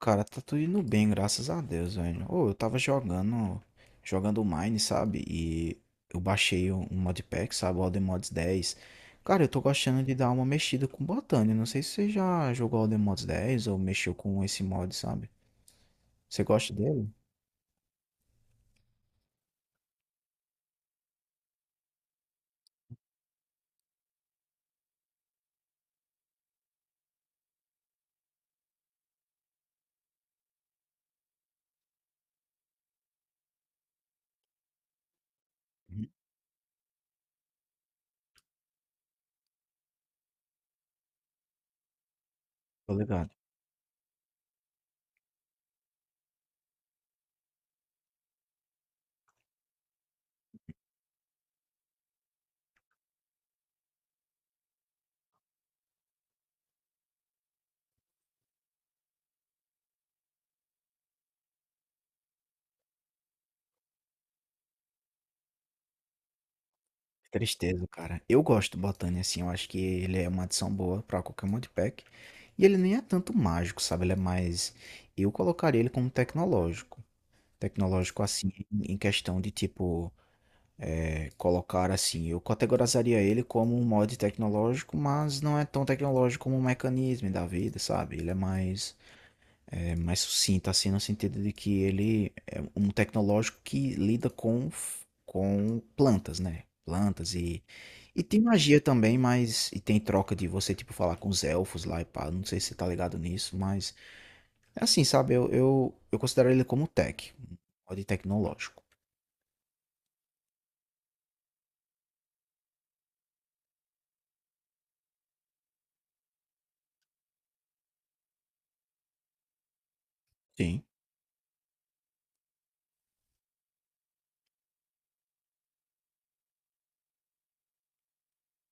Cara, tá tudo indo bem, graças a Deus, velho. Ô, eu tava jogando Mine, sabe? E eu baixei um modpack, sabe? O Alden Mods 10. Cara, eu tô gostando de dar uma mexida com botânia. Não sei se você já jogou Alden Mods 10 ou mexeu com esse mod, sabe? Você gosta dele? Uhum. Tô ligado. Que tristeza, cara. Eu gosto do botânia, assim. Eu acho que ele é uma adição boa pra qualquer modpack. E ele nem é tanto mágico, sabe? Ele é mais. Eu colocaria ele como tecnológico. Tecnológico assim, em questão de tipo, colocar assim, eu categorizaria ele como um mod tecnológico, mas não é tão tecnológico como um mecanismo da vida, sabe? Ele é mais, mais sucinto assim, no sentido de que ele é um tecnológico que lida com, com plantas, né? Plantas e. E tem magia também, mas. E tem troca de você, tipo, falar com os elfos lá e pá. Não sei se você tá ligado nisso, mas. É assim, sabe? Eu considero ele como tech, um mod tecnológico. Sim.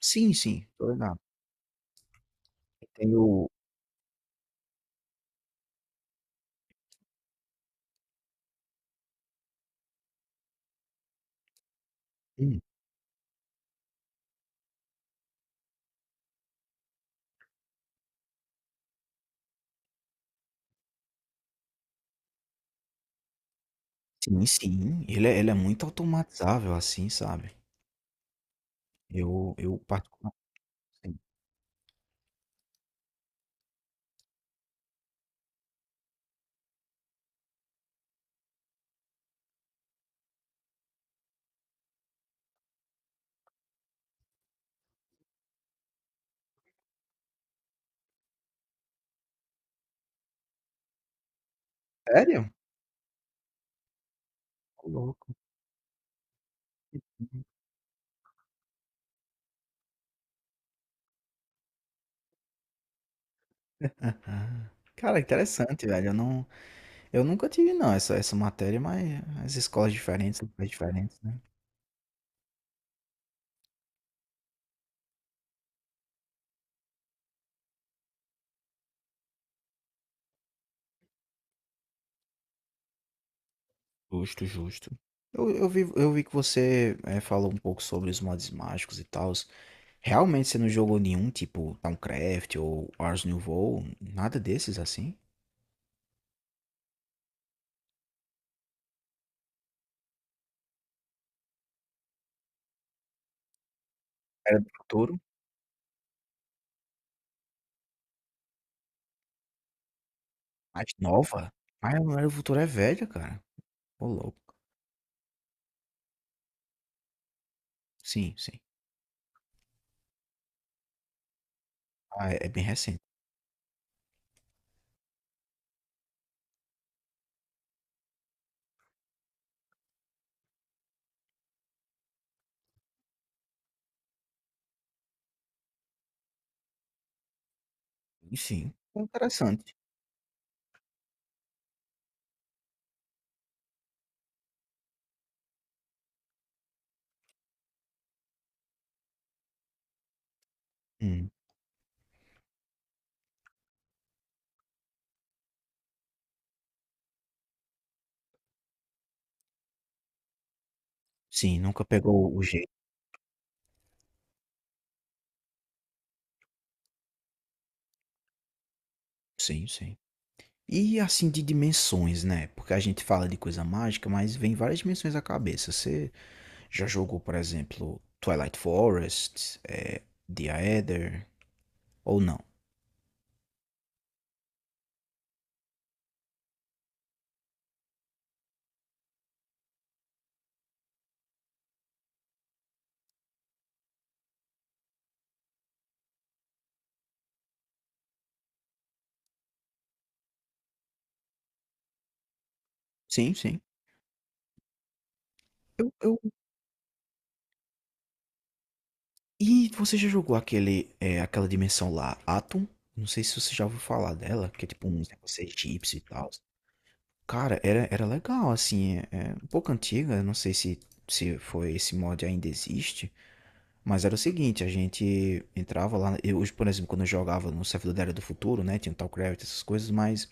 Sim, sim. Tornar. Tem o hum. Sim, sim. Ele é muito automatizável, assim, sabe. Eu particular sim. Sério? Ô louco. Aham. Cara, interessante, velho. Eu nunca tive não essa matéria, mas as escolas diferentes, lugares diferentes, né. Justo, justo. Eu vi que você, falou um pouco sobre os mods mágicos e tals. Realmente você não jogou nenhum, tipo Towncraft ou Ars Nouveau, nada desses, assim? Era do Futuro? Mais nova? Ah, o Diário do Futuro é velha, cara. Ô, louco. Sim, sim. Ah, é bem recente. E sim, é interessante. Hum. Sim, nunca pegou o jeito. Sim, sim. E assim, de dimensões, né? Porque a gente fala de coisa mágica, mas vem várias dimensões à cabeça. Você já jogou, por exemplo, Twilight Forest, The Aether, ou não? Sim, sim. Eu... E você já jogou aquele, aquela dimensão lá, Atom? Não sei se você já ouviu falar dela, que é tipo um negócio egípcio e tal. Cara, era legal, assim, é um pouco antiga, não sei se foi esse mod ainda existe, mas era o seguinte, a gente entrava lá, eu, hoje, por exemplo, quando eu jogava no servidor da Era do Futuro, né, tinha o Talcraft, essas coisas, mas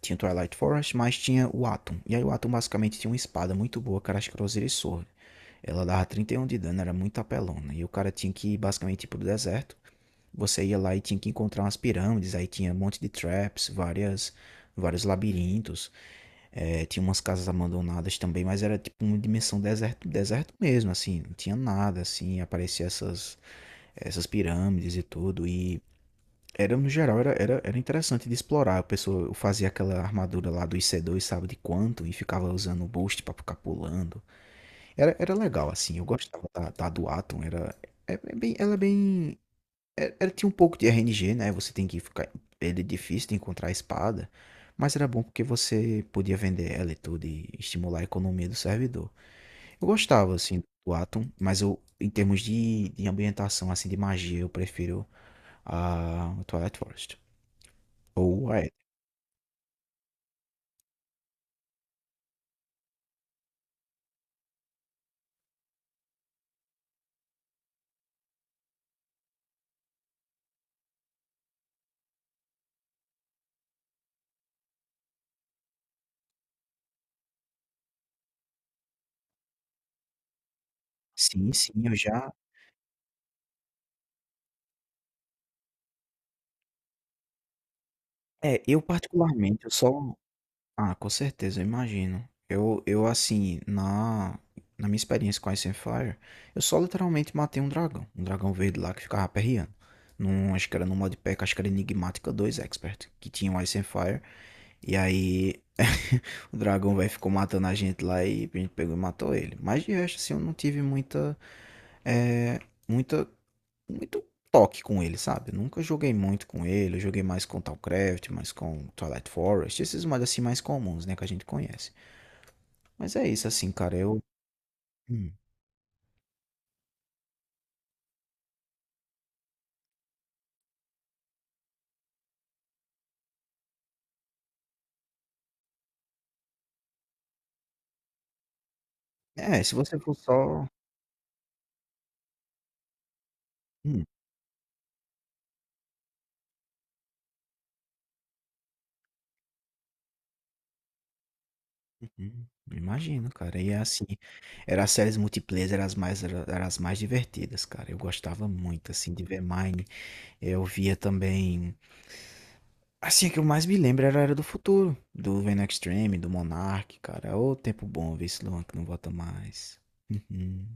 tinha o Twilight Forest, mas tinha o Atom, e aí o Atom basicamente tinha uma espada muito boa, cara, acho que era o e Sword, ela dava 31 de dano, era muito apelona, e o cara tinha que ir basicamente ir pro deserto, você ia lá e tinha que encontrar umas pirâmides, aí tinha um monte de traps, vários labirintos, tinha umas casas abandonadas também, mas era tipo uma dimensão deserto, deserto mesmo, assim, não tinha nada, assim, aparecia essas, pirâmides e tudo, e era no geral, era interessante de explorar, a pessoa eu fazia aquela armadura lá do IC2, sabe de quanto, e ficava usando o boost pra ficar pulando, era legal, assim, eu gostava da do Atom, era, é bem, ela é bem tinha um pouco de RNG, né? Você tem que ficar. Ele é difícil de encontrar a espada. Mas era bom porque você podia vender ela e tudo e estimular a economia do servidor. Eu gostava, assim, do Atom, mas eu, em termos de ambientação, assim, de magia, eu prefiro a Twilight Forest. Ou a Eden. Sim, sim, eu já. É, eu particularmente, eu só. Ah, com certeza, eu imagino. Eu assim, na minha experiência com Ice and Fire, eu só literalmente matei um dragão. Um dragão verde lá que ficava perreando. Num, acho que era no modpack, acho que era Enigmática dois Expert, que tinha o Ice and Fire. E aí, o dragão velho ficou matando a gente lá e a gente pegou e matou ele. Mas de resto, assim, eu não tive muita, é, muita muito toque com ele, sabe? Eu nunca joguei muito com ele, eu joguei mais com Talcraft, mais com Twilight Forest, esses mods assim mais comuns, né, que a gente conhece. Mas é isso, assim, cara, eu... Hum. É, se você for só... Hum, uhum. Imagino, cara. E é assim, era as séries multiplayer, eram as mais, era as mais divertidas, cara. Eu gostava muito, assim, de ver Mine. Eu via também. Assim, a que eu mais me lembro era a Era do Futuro, do Venom Extreme, do Monark, cara. Ô, tempo bom ver esse Luan que não volta mais. Uhum.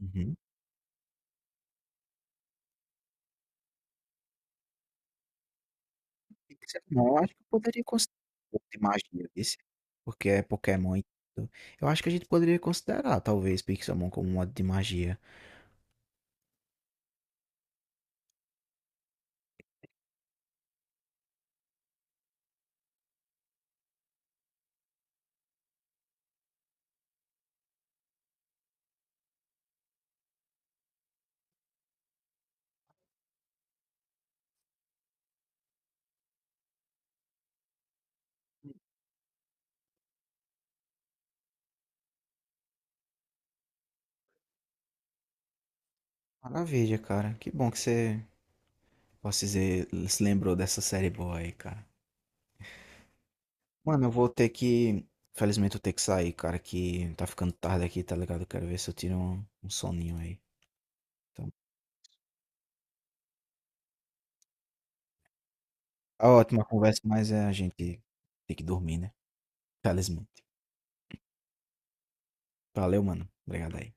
Uhum. E disse, não, eu acho que eu poderia considerar um pouco de magia desse, porque é Pokémon e tudo. Eu acho que a gente poderia considerar, talvez, Pixelmon como um modo de magia. Maravilha, cara. Que bom que você, posso dizer, se lembrou dessa série boa aí, cara. Mano, eu vou ter que. Felizmente eu tenho que sair, cara, que tá ficando tarde aqui, tá ligado? Eu quero ver se eu tiro um soninho aí. Então, tá ótima a conversa, mas a gente tem que dormir, né? Felizmente. Valeu, mano. Obrigado aí.